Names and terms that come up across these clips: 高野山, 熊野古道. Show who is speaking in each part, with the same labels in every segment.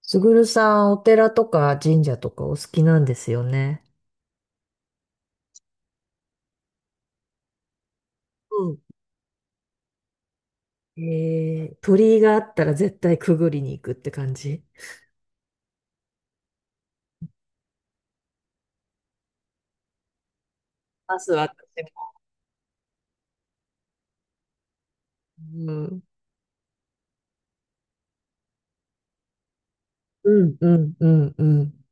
Speaker 1: すぐるさん、お寺とか神社とかお好きなんですよね。うん。鳥居があったら絶対くぐりに行くって感じ。まず私も。うん、うん、うん、うん、うん、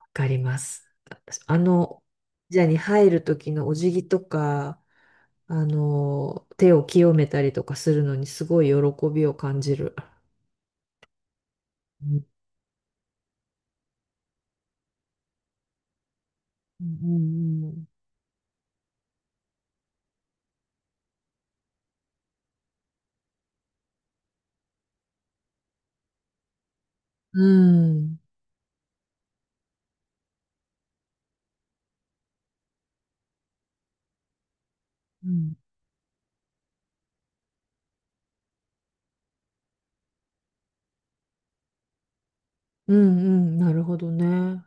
Speaker 1: わかります。私神社に入る時のお辞儀とか、手を清めたりとかするのにすごい喜びを感じる。うんうんうんうん、うん。うん、うん、なるほどね。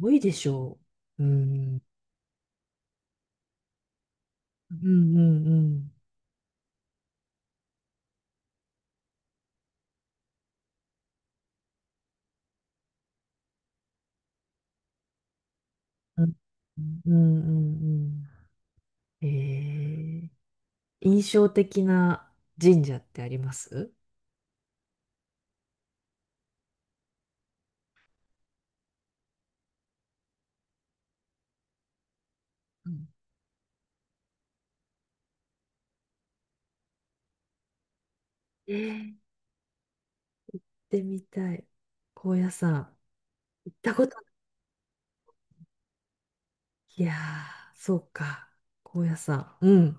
Speaker 1: 多いでしょう。うんうんうんうんうんうんうん。ええ、印象的な神社ってあります？ええー。でみたい。神社さん行ったことない、いやー、そうか、神社さん、うん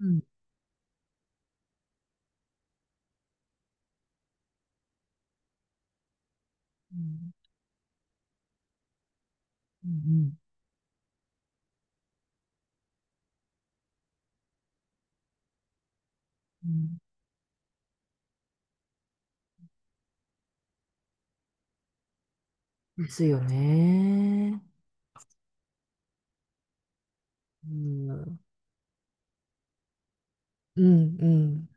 Speaker 1: うんうんうんうん。ですよね。うんうんうん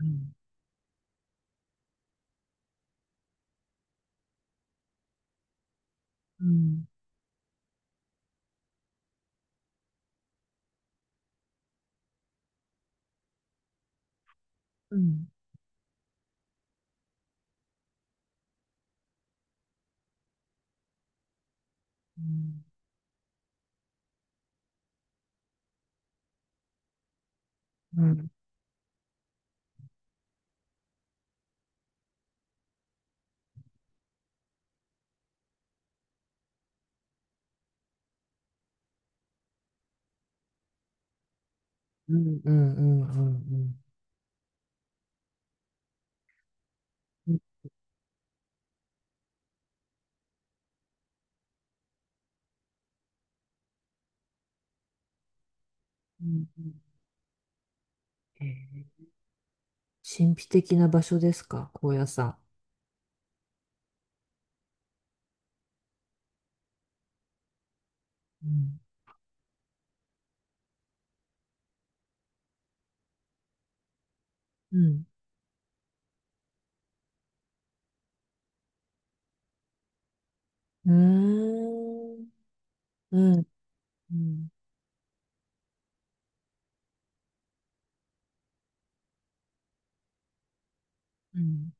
Speaker 1: うんうんうんうんうんうんうんうんうん。うんうんうんうん、えー、神秘的な場所ですか、高野山。うん。うんうーん。うん。うん。うん。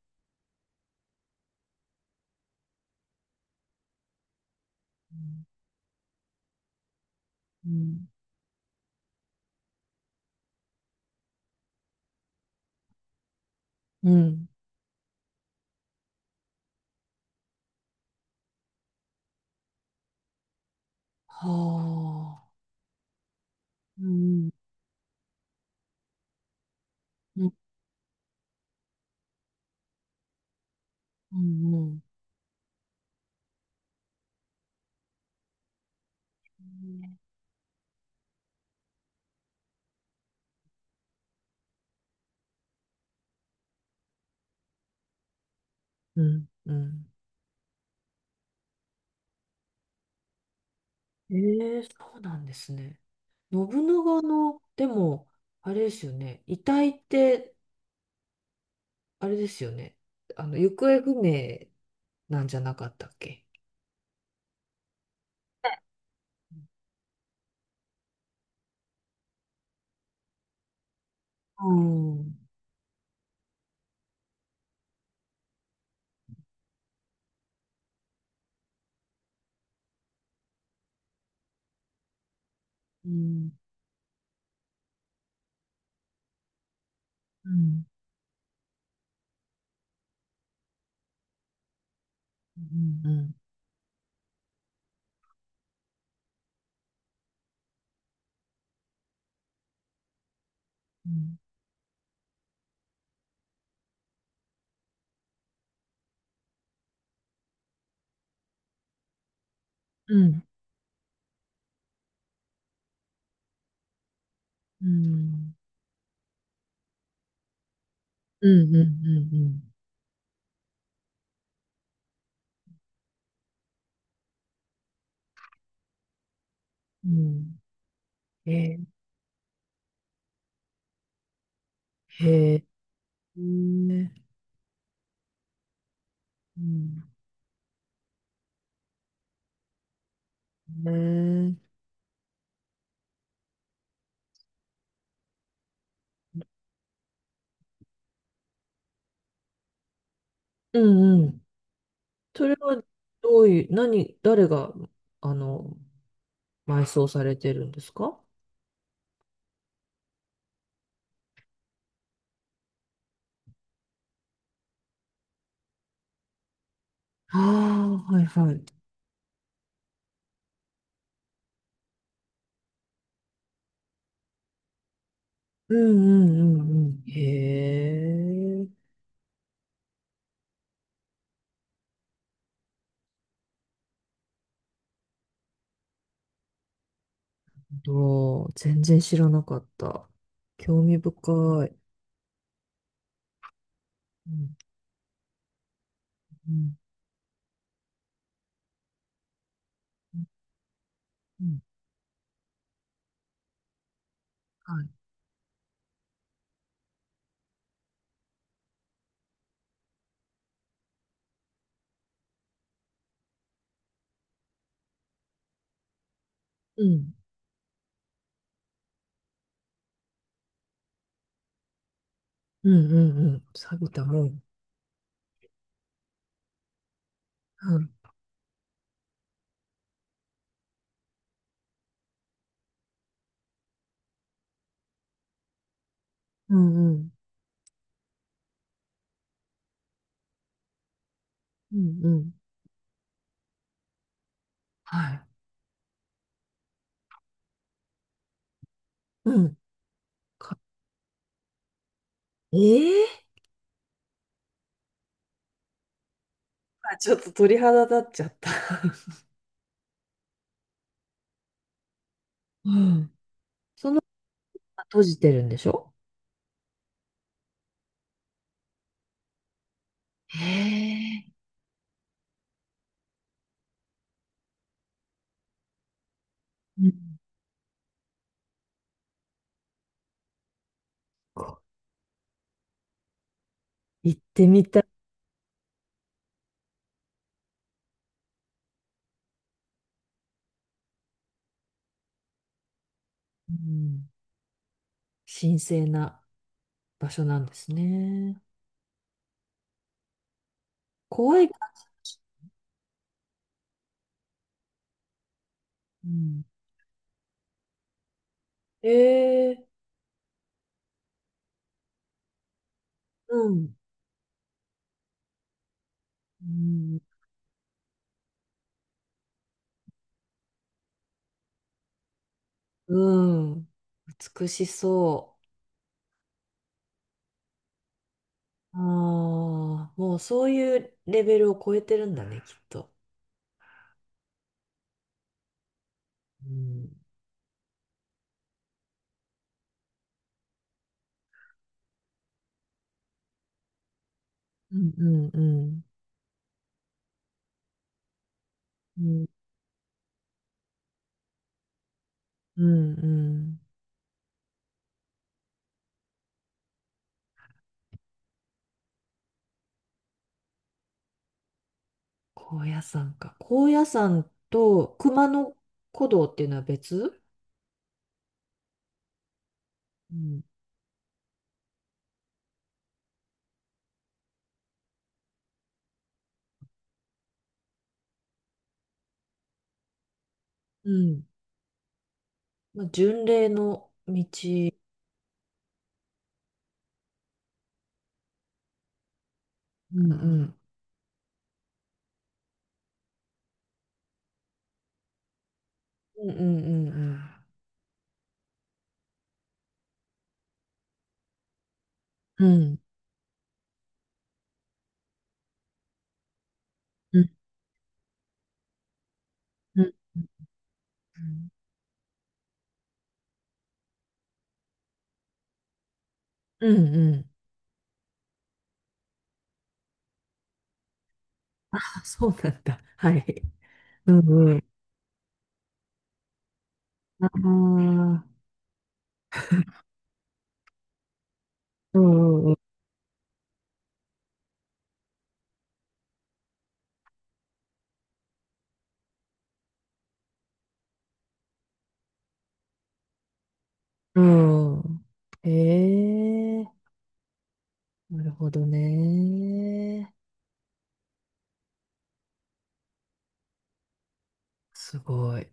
Speaker 1: うん。うん。はあ。うん。うん。うん。うん。うん。ええー、そうなんですね。信長の、でも、あれですよね。遺体って、あれですよね。行方不明なんじゃなかったっけ。うん。うん。うん。うん。うん。うん。うん。うん。うん。うん。うん。うん、えー、へー、うん。えー、うんうん。それはどういう、何、誰が、あの、埋葬されてるんですか。ああ、はいはい。うんうんうんうん。へえ、どう、全然知らなかった。興味深い。うんうんうんうん、はい。うん。うんうんうん。錆びたもん。うん。うんうん。うんうん。はい。うん。か、ええ、あちょっと鳥肌立っちゃった。うん。その、閉じてるんでしょ。へえ。うん、こう行ってみたい。うん。神聖な場所なんですね。怖いか。うん。ええ。うん。うん。うん、美しそう。ああ、もうそういうレベルを超えてるんだね、きっと。うん。うんうんうん。うんうんうん。高野山か。高野山と熊野古道っていうのは別。うん。うん。まあ、巡礼の道、うんうん。うんうんうんうん。うん。うんうんうんうんうん。あ、そうなんだ。はい。うんうん。ああ、うんうんうん。うん。へえ、なるほどね。すごい。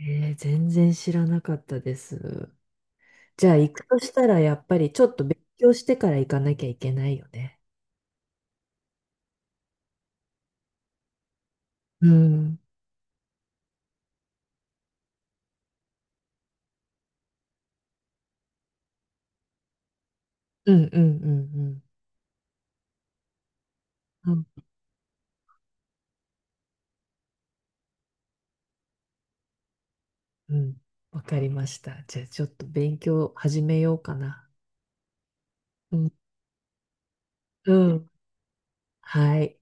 Speaker 1: えー、全然知らなかったです。じゃあ行くとしたらやっぱりちょっと勉強してから行かなきゃいけないよね。うん。うんうんうんうん。うんうん。わかりました。じゃあちょっと勉強始めようかな。うん。うん。はい。